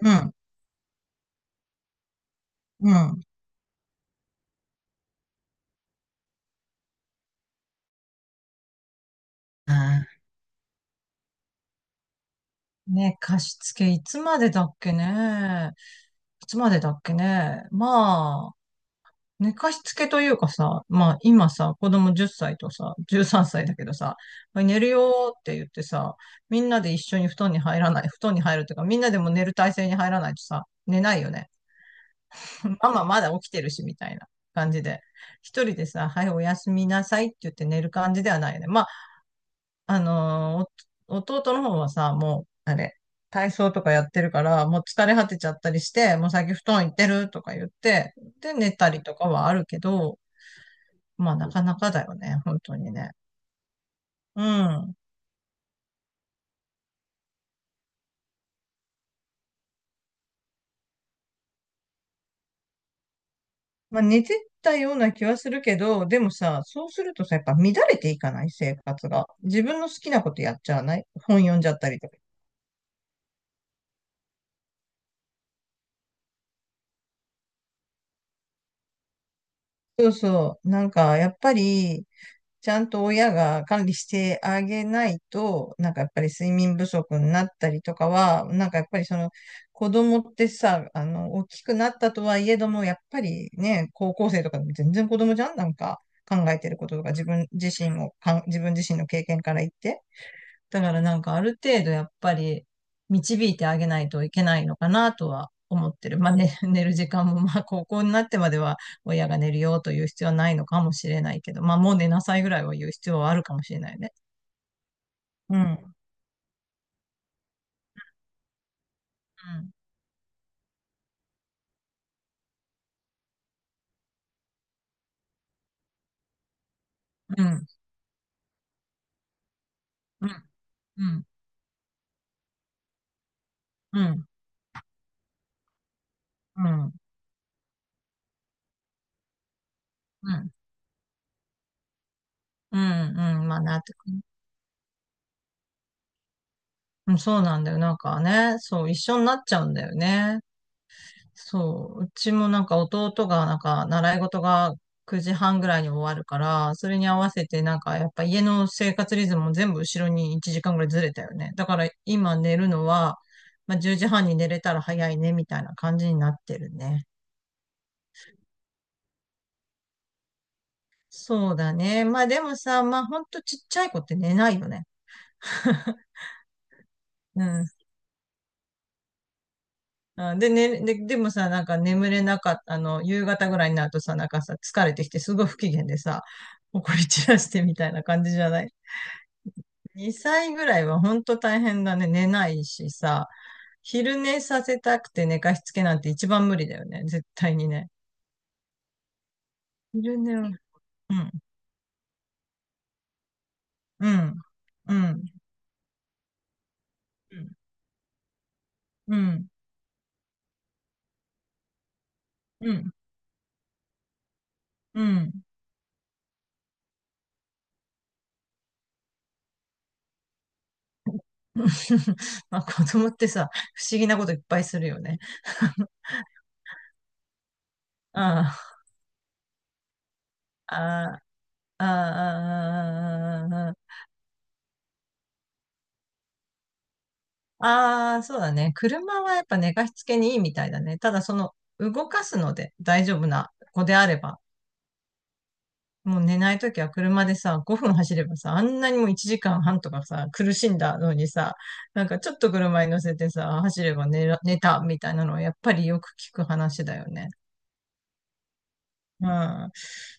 うん、うん。あ、ね、貸し付けいつまでだっけね。いつまでだっけね。まあ、寝かしつけというかさ、まあ今さ、子供10歳とさ、13歳だけどさ、はい寝るよーって言ってさ、みんなで一緒に布団に入るというか、みんなでも寝る体勢に入らないとさ、寝ないよね。ママまだ起きてるし、みたいな感じで。一人でさ、はい、おやすみなさいって言って寝る感じではないよね。まあ、お弟の方はさ、もう、あれ、体操とかやってるから、もう疲れ果てちゃったりして、もう最近布団行ってるとか言って、で、寝たりとかはあるけど、まあ、なかなかだよね、本当にね。うん。まあ、寝てたような気はするけど、でもさ、そうするとさ、やっぱ乱れていかない生活が。自分の好きなことやっちゃわない本読んじゃったりとか。そうそう。なんか、やっぱり、ちゃんと親が管理してあげないと、なんかやっぱり睡眠不足になったりとかは、なんかやっぱりその子供ってさ、あの、大きくなったとはいえども、やっぱりね、高校生とかでも全然子供じゃんなんか考えてることとか自分自身の経験から言って。だからなんかある程度やっぱり導いてあげないといけないのかなとは思ってる。まあ、ね、寝る時間もまあ高校になってまでは親が寝るよという必要はないのかもしれないけど、まあもう寝なさいぐらいは言う必要はあるかもしれないね。うん。うん。うん。うん。うん。うん。うん。うん。うん。うん。まあなってくる。うん。そうなんだよ。なんかね、そう、一緒になっちゃうんだよね。そう、うちもなんか弟がなんか習い事が9時半ぐらいに終わるから、それに合わせてなんかやっぱ家の生活リズムも全部後ろに1時間ぐらいずれたよね。だから今寝るのは、まあ、10時半に寝れたら早いねみたいな感じになってるね。そうだね。まあでもさ、まあほんとちっちゃい子って寝ないよね。うん。あで、ね、で、でもさ、なんか眠れなかった、夕方ぐらいになるとさ、なんかさ、疲れてきてすごい不機嫌でさ、怒り散らしてみたいな感じじゃない？2歳ぐらいは本当大変だね。寝ないしさ、昼寝させたくて寝かしつけなんて一番無理だよね。絶対にね。昼寝を、うん、うん、うん、うん、うん、うん。まあ子供ってさ、不思議なこといっぱいするよね。ああ、ああ、ああ、ああ、そうだね。車はやっぱ寝かしつけにいいみたいだね。ただその動かすので大丈夫な子であればもう寝ないときは車でさ、5分走ればさ、あんなにもう1時間半とかさ、苦しんだのにさ、なんかちょっと車に乗せてさ、走れば寝たみたいなのはやっぱりよく聞く話だよね。まあ、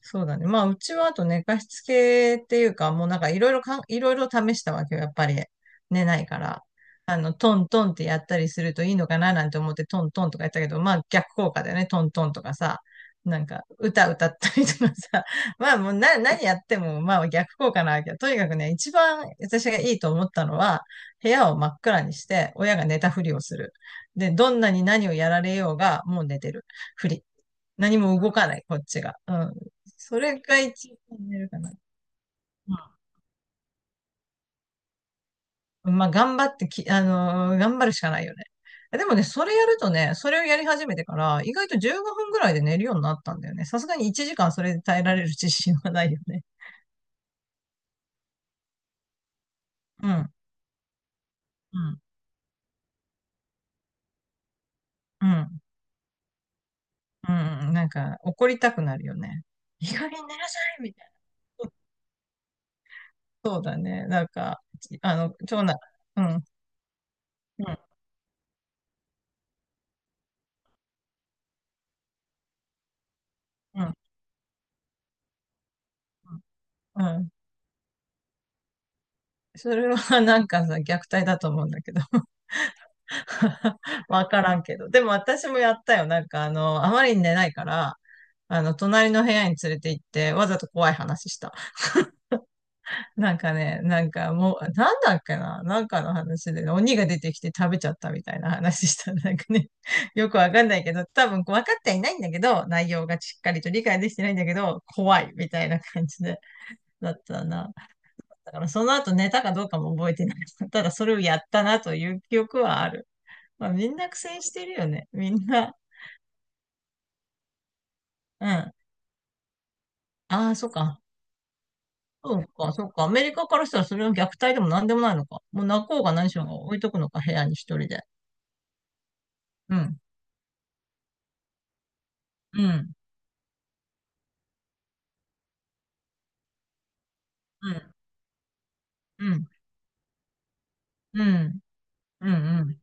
そうだね。まあ、うちはあと寝かしつけっていうか、もうなんかいろいろいろいろ試したわけよ。やっぱり寝ないから。あの、トントンってやったりするといいのかななんて思ってトントンとかやったけど、まあ逆効果だよね。トントンとかさ。なんか、歌歌ったりとかさ。まあもうな、何やっても、まあ逆効果なわけよ。とにかくね、一番私がいいと思ったのは、部屋を真っ暗にして、親が寝たふりをする。で、どんなに何をやられようが、もう寝てるふり。何も動かない、こっちが。うん。それが一番寝るかな。うん。まあ、頑張ってき、あのー頑張るしかないよね。でもね、それやるとね、それをやり始めてから、意外と15分ぐらいで寝るようになったんだよね。さすがに1時間それで耐えられる自信はないよね。うん、うん、うん、うん。うん。なんか、怒りたくなるよね。いい加減寝なさいみたいな。そう、そうだね。なんか、あの、長男、うん、うん、うん、うん。それはなんかさ、虐待だと思うんだけど。わからんけど。でも私もやったよ。なんかあの、あまりに寝ないから、あの、隣の部屋に連れて行って、わざと怖い話した。なんかね、なんかもう、なんだっけな、なんかの話でね、鬼が出てきて食べちゃったみたいな話した。なんかね、よくわかんないけど、多分分かってはいないんだけど、内容がしっかりと理解できてないんだけど、怖いみたいな感じで、だったな。だからその後寝たかどうかも覚えてない。ただそれをやったなという記憶はある。まあ、みんな苦戦してるよね。みんな。うん。ああ、そっか。そうか、そうか。アメリカからしたらそれは虐待でも何でもないのか。もう泣こうが何しようが置いとくのか、部屋に一人で。うん。うん。うん。うん。うん。うん。うん。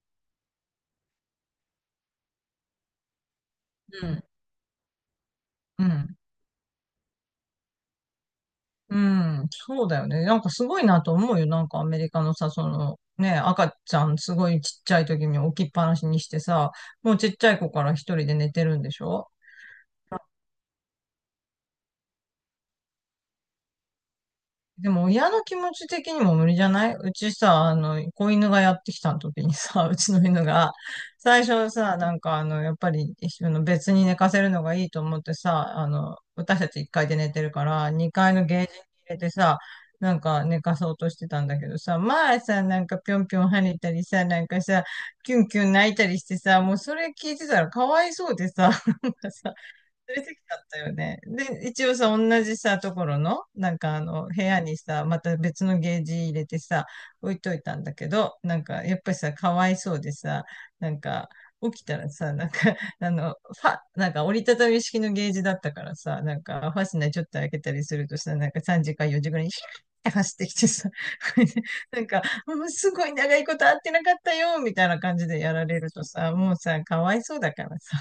うん。うん。そうだよね。なんかすごいなと思うよ。なんかアメリカのさ、その、ね、赤ちゃんすごいちっちゃい時に置きっぱなしにしてさ、もうちっちゃい子から一人で寝てるんでしょ？でも親の気持ち的にも無理じゃない？うちさ、あの、子犬がやってきた時にさ、うちの犬が、最初さ、なんかあの、やっぱり、あの別に寝かせるのがいいと思ってさ、あの、私たち1階で寝てるから、2階のゲージに入れてさ、なんか寝かそうとしてたんだけどさ、前さ、なんかぴょんぴょん跳ねたりさ、なんかさ、キュンキュン泣いたりしてさ、もうそれ聞いてたらかわいそうでさ、なんかさ、連れてきちゃったよね。で、一応さ、同じさ、ところの、なんかあの、部屋にさ、また別のゲージ入れてさ、置いといたんだけど、なんか、やっぱりさ、かわいそうでさ、なんか、起きたらさ、なんか、あの、なんか折りたたみ式のゲージだったからさ、なんか、ファスナーちょっと開けたりするとさ、なんか3時か4時ぐらいに、って走ってきてさ、これでなんか、もうすごい長いこと会ってなかったよ、みたいな感じでやられるとさ、もうさ、かわいそうだからさ、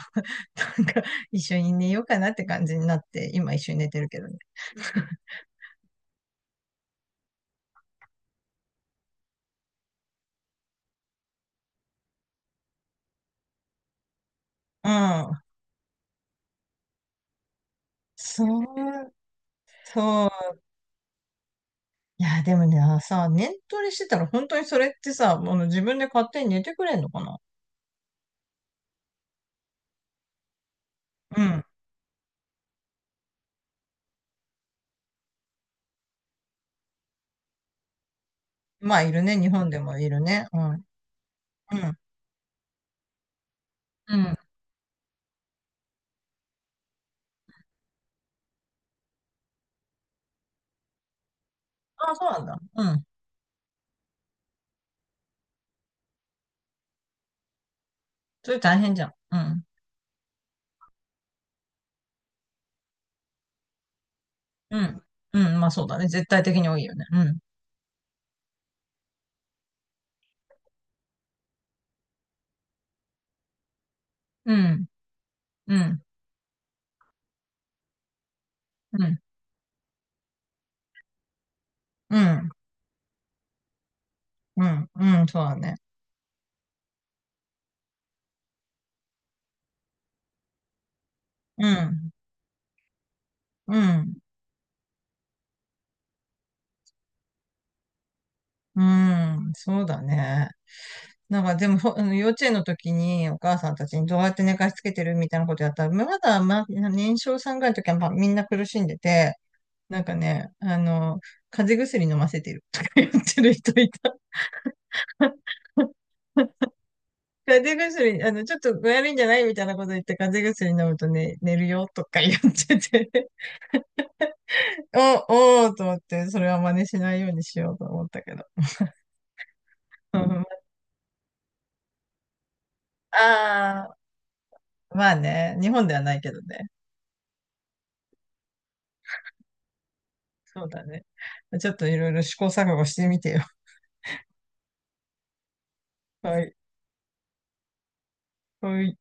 なんか、一緒に寝ようかなって感じになって、今一緒に寝てるけどね。うん。そう、そう。いや、でもね、さ、念トレしてたら本当にそれってさ、あの自分で勝手に寝てくれんのかな？うん。まあ、いるね。日本でもいるね。うん。うん。うん。あ、そうなんだ。うん。それ大変じゃん。うん。うん。うん。まあ、そうだね。絶対的に多いよね。うん。うん。うん。うん。うん。うん。うん。そうだね。うん。うん。うん、そうだね。なんかでも、ほあの幼稚園の時にお母さんたちにどうやって寝かしつけてるみたいなことやったら、まだ、ま、年少さんぐらいの時は、ま、みんな苦しんでて、なんかね、あの、風邪薬飲ませてるとか言ってる人いた。風邪薬、あの、ちょっと具合悪いんじゃないみたいなこと言って、風邪薬飲むとね、寝るよとか言ってて、おーと思って、それは真似しないようにしようと思ったけど。うん、ああ、まあね、日本ではないけどね。そうだね。ちょっといろいろ試行錯誤してみてよ。はい。はい。